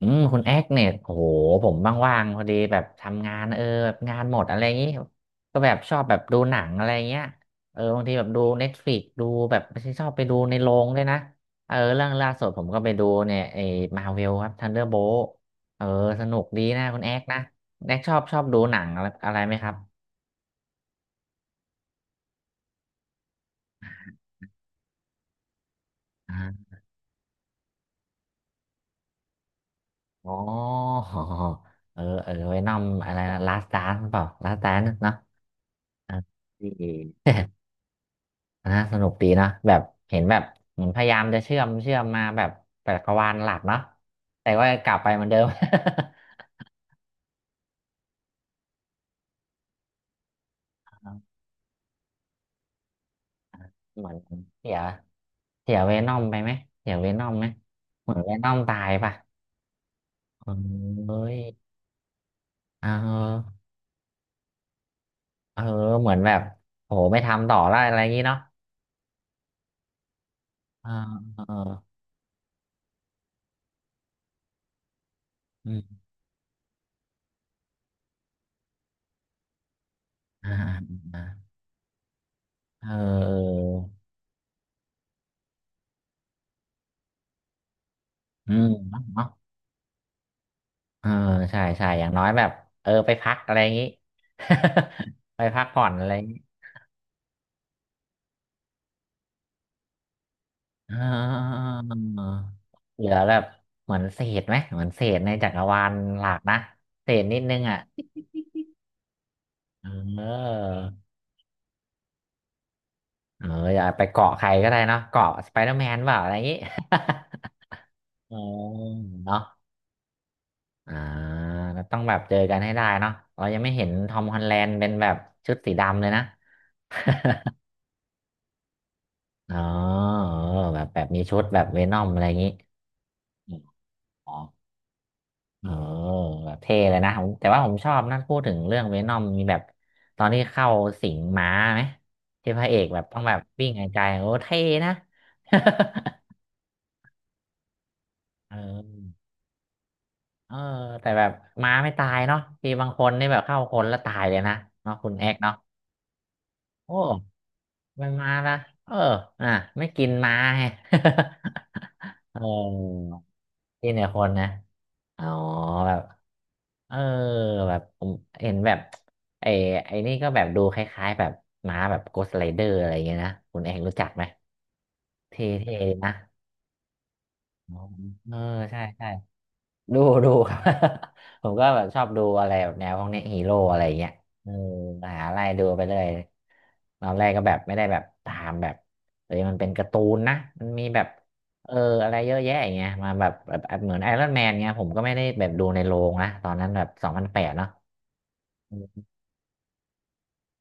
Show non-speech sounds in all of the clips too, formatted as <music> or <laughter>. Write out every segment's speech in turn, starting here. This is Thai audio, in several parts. อืมคุณแอคเนี่ยโอ้โหผมว่างๆพอดีแบบทำงานเออแบบงานหมดอะไรอย่างงี้ก็แบบชอบแบบดูหนังอะไรเงี้ยเออบางทีแบบดูเน็ตฟลิกซ์ดูแบบไม่ใช่ชอบไปดูในโรงด้วยนะเออเรื่องล่าสุดผมก็ไปดูเนี่ยไอ้มาเวลครับทันเดอร์โบลต์เออสนุกดีนะคุณแอคนะแอคชอบดูหนังอะไรอะไรไหมครับอ่าอ๋อ <laughs> เออเออไวนอมอะไรนะลาสต์ดานซ์เปล่าลาสต์ดานซ์เนาะเี นะสนุกดีนะแบบเห็นแบบเหมือนพยายามจะเชื่อมมาแบบจักรวาลหลักเนาะแต่ว่ากลับไปเหมือนเดิม <laughs> เหมือนเสียเสียเวนอมไปไหมเสียเวนอมไหมเหมือนเวนอมตายป่ะเอ้ยเออเออเหมือนแบบโหไม่ทำต่อแล้วอะไรอย่างงี้เนาะเออเอออืมอ่าอ่าเออเอออืมเนาะเนาะเออใช่ใช่อย่างน้อยแบบเออไปพักอะไรอย่างงี้ <laughs> ไปพักผ่อนอะไร อ่าเหลือแบบเหมือนเศษไหม เหมือนเศษในจักรวาลหลักนะเศษนิดนึงอ่ะเออเอออย่าไปเกาะใครก็ได้เนาะเกาะสไปเดอร์แมนเปล่าอะไรอย่างงี้ <laughs> เออเนาะอ่าต้องแบบเจอกันให้ได้เนาะเรายังไม่เห็นทอมฮอลแลนด์เป็นแบบชุดสีดำเลยนะ <laughs> อ๋อเออแบบแบบมีชุดแบบเวนอมอะไรอย่างงี้อ๋อ โอ้แบบเท่เลยนะผมแต่ว่าผมชอบนะพูดถึงเรื่องเวนอมมีแบบตอนที่เข้าสิงม้าไหมที่พระเอกแบบต้องแบบวิ่งไกลๆโอ้เท่นะ <laughs> เออเออแต่แบบม้าไม่ตายเนาะมีบางคนนี่แบบเข้าคนแล้วตายเลยนะเนาะคุณแอกเนาะโอ้ไม่มาละเอออ่ะไม่กินม้าไง <laughs> เออกินแต่คนนะอ๋อแบบ เออแบบผมเห็นแบบไอ้ไอ้นี่ก็แบบดูคล้ายๆแบบม้าแบบโกสต t r i เดอร์อะไรอย่างเงี้ยนะคุณเองรู้จักไหมเท่ๆนะอ๋อเออใช่ใช่ดูดู <laughs> ครับ <laughs> ผมก็แบบชอบดูอะไรแบบแนวพวกเนี้ฮีโร่อะไรอย่างเงี้ยเออหาอะไรดูไปเลยตอนแรกก็แบบไม่ได้แบบตามแบบเอ้ยมันเป็นการ์ตูนนะมันมีแบบเอออะไรเยอะแยะอย่างเงี้ยมาแบบเหมือนไอรอนแมนเงี้ยผมก็ไม่ได้แบบดูในโรงนะตอนนั้นแบบ2008เนาะ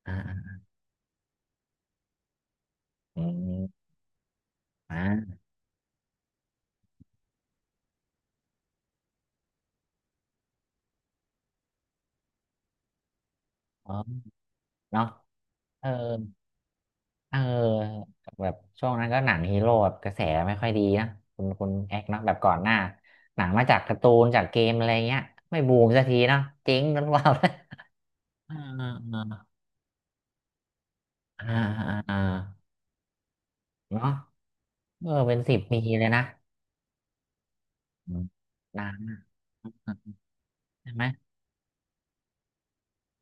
อ่า อืมอ่าอ๋อเนาะเออเออแบบช่วงนั้นก็หนังฮีโร่แบบกระแสไม่ค่อยดีนะคุณแอกเนาะแบบก่อนหน้าหนังมาจากการ์ตูนจากเกมอะไรเงี้ยไม่บูมสักทีเนาะเจ๊งกันเปล่า <laughs> เอ่าอ่าอ่าอ่าเนาะเออเป็นสิบปีเลยนะอืมนานใช่ไหม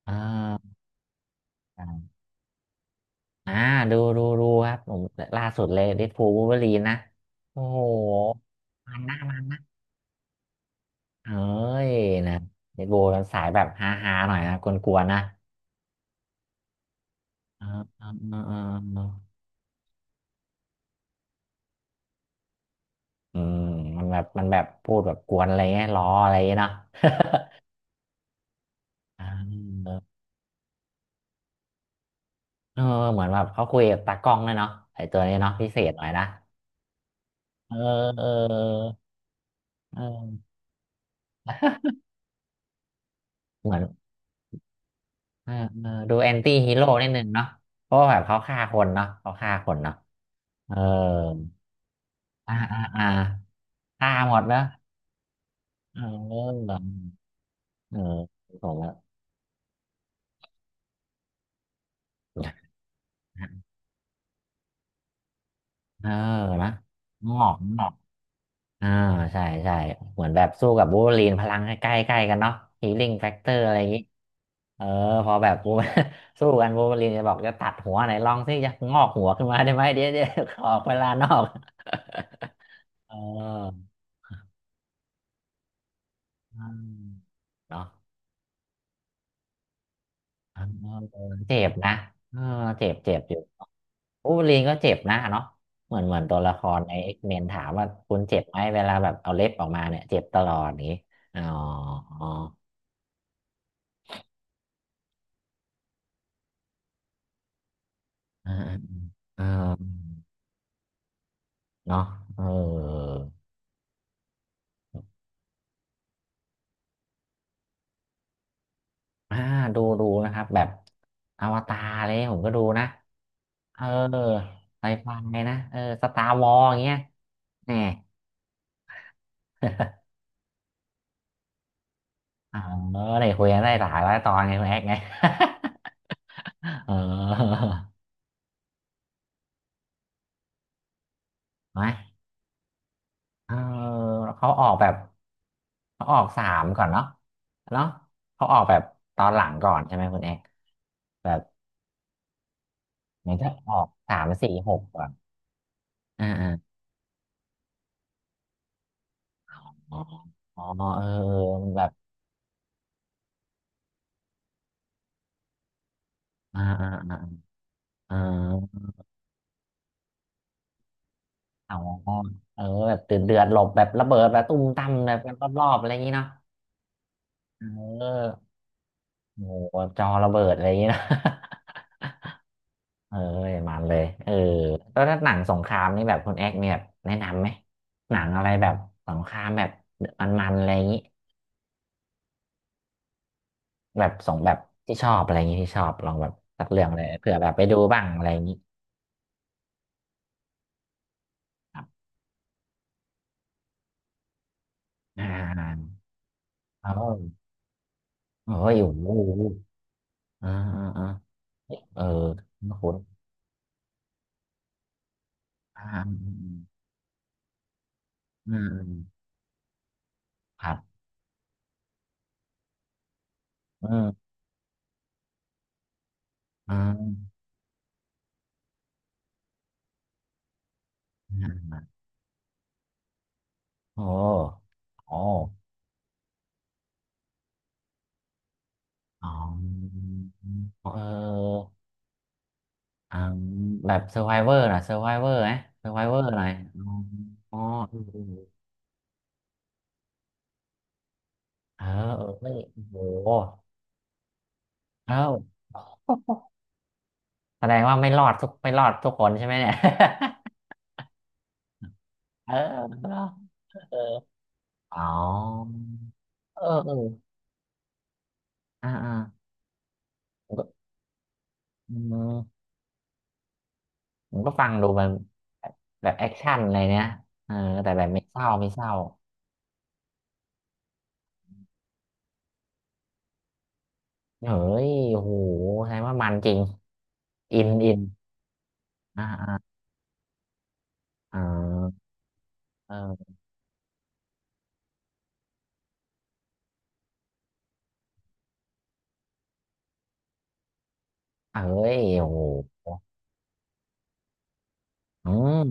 อ่าอ่าอ่าดูดูดูครับผมล่าสุดเลยเดดพูลวูล์ฟเวอรีนนะโอ้โหมันนะ เฮ้ยนะเดดกูลสายแบบฮาฮาหน่อยนะกวนๆนะเอ่าอ่าอ่าอ่าอ่าอืมมันแบบมันแบบพูดแบบกวนอะไรเงี้ยล้ออะไรเงี้ยเนาะ <laughs> อ่าเออเหมือนแบบเขาคุยกับตากล้องเลยเนาะไอตัวนี้เนาะพิเศษหน่อยนะเออเออเออ <laughs> เหมือนเออเออดูแอนตี้ฮีโร่นิดนึงเนาะเพราะว่าแบบเขาฆ่าคนเนาะเขาฆ่าคนเนาะเอออ่าอ่าอ่าฆ่าหมดเนาะเออเออผมว่า เออนะงอกงอกอ่าใช่ใช่เหมือนแบบสู้กับวูล์ฟเวอรีนพลังใกล้ๆกล้กันเนาะฮีลิ่งแฟกเตอร์อะไรอย่างนี้เออพอแบบ <laughs> วูล์ฟ <laughs> สู้กันวูล์ฟเวอรีนจะบอกจะตัดหัวไหนลองสิจะงอกหัวขึ้นมาได้ไหมเดี๋ยวขอเวลานอก <laughs> เอออืมเนาะเออเจ็บนะเออเจ็บเจ็บอยู่วูล์ฟเวอรีนก็เจ็บนะเนาะเหมือนเหมือนตัวละครในเอ็กเมนถามว่าคุณเจ็บไหมเวลาแบบเอาเล็บออกมาเนี่ยเจ็บตลอดอย่างนี้อ๋อ อ่าเออเนาะเอออ่าดูดูนะครับแบบอวตารเลยผมก็ดูนะเออไซไฟนะเออสตาร์วอร์อย่างเงี้ยแน่ <laughs> เออได้คุยกันได้หลายร้อยตอนไงคุณแอกไง <laughs> เออไหมเออเขาออกแบบเขาออกสามก่อนเนาะเนาะเขาออกแบบตอนหลังก่อนใช่ไหมคุณแอกแบบเหมือนจะออก3 4 6ก่อนอ่า อ๋ออ๋อเออเออมันแบบอ่าอ่าอ่าอ่าอ๋อเออแบบเดือดเดือดหลบแบบระเบิดแบบตุ้มตั้มแบบรอบรอบๆอะไรอย่างนี้เนาะเออโอ้โหจอระเบิดอะไรอย่างนี้เนอะ <laughs> เออมันเลยแล้วถ้าหนังสงครามนี่แบบคุณแอกเนี่ยแบบแนะนำไหมหนังอะไรแบบสงครามแบบมันๆอะไรอย่างนี้แบบที่ชอบอะไรอย่างนี้ที่ชอบลองแบบสักเรื่องเลยเผื่อแบบไปดูบ้างอะไรอย่างนี้ครับอ่าเออโอ้ยโอ้โหอ่าอ่า เออคุ้นๆอ่าอืมอืมครับอืมอ่าอ่าโอ้โอ้อ๋อเอออ่าแบบเซอร์ไ o เวอร์นะเซอร์ไ o เวอร์ไหมเซอร์ไ o เวอร์อะไรอ๋ออ๋อเออเออเออเออไม่โอ้โหเอ้าแสดงว่าไม่รอดทุกไม่รอดทุกคนใช่ไหมเนี่ย <laughs> เออเอออ๋อเออเอออ่าอ่าอืม มันก็ฟังดูมันแบบแบบแอคชั่นอะไรเนี้ยเออแต่แบบไม่เศร้าไม่เศร้าเฮ้ยโอ้โหแสดงว่ามันจริงอินอินอ่าอ่าอ่าเออเอ้ยโอ้โหอืม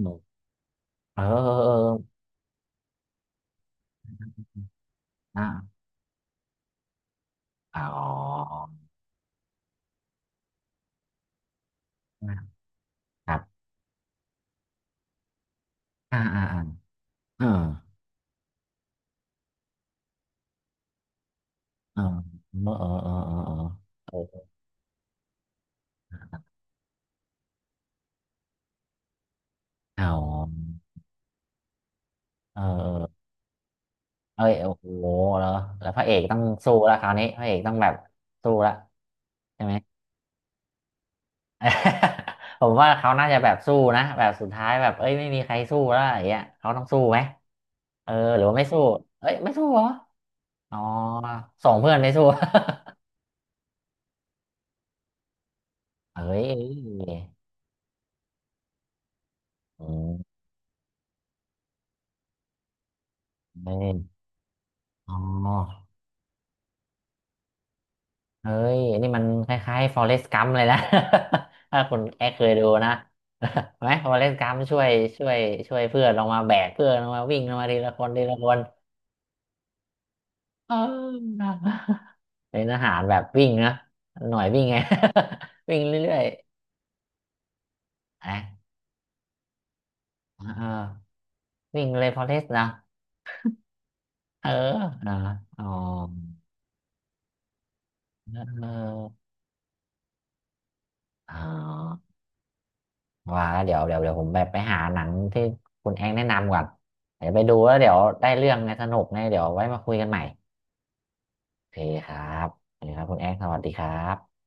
เออเออเอออ่าอ๋อครับอ่าอ่าอ่าเออเออเออเออเออเออเอาเออเออเอ้ยโอ้โหแล้วแล้วพระเอกต้องสู้แล้วคราวนี้พระเอกต้องแบบสู้ละใช่ไหม <laughs> เออผมว่าเขาน่าจะแบบสู้นะแบบสุดท้ายแบบเอ้ยไม่มีใครสู้แล้วอย่างเงี้ยเขาต้องสู้ไหมเออหรือว่าไม่สู้เอ้ยไม่สู้เหรออ๋อส่งเพื่อนไม่สู้ <laughs> เอ้ยเอ้ยเอ้ยอ๋อเอ้ยนี่มันคล้ายๆ Forrest Gump เลยนะ <laughs> ถ้าคุณแอคเคยดูนะ <laughs> ไหม Forrest Gump ช่วยช่วยช่วยเพื่อนลงมาแบกเพื่อนลงมาวิ่งลงมาทีละคนทีละคนเออ <laughs> เป็นอาหารแบบวิ่งนะหน่วยวิ่งไง <laughs> วิ่งเรื่อย แอคเออวิ่งเลยพอเลสนะเออนะอ๋อเอออ๋อว่าแล้วเดี๋ยวเดี๋ยวเดี๋ยวผมแบบไปหาหนังที่คุณแองแนะนำก่อนเดี๋ยวไปดูแล้วเดี๋ยวได้เรื่องไงสนุกไงเดี๋ยวไว้มาคุยกันใหม่โอเคครับโอเคครับคุณแองสวัสดีครับ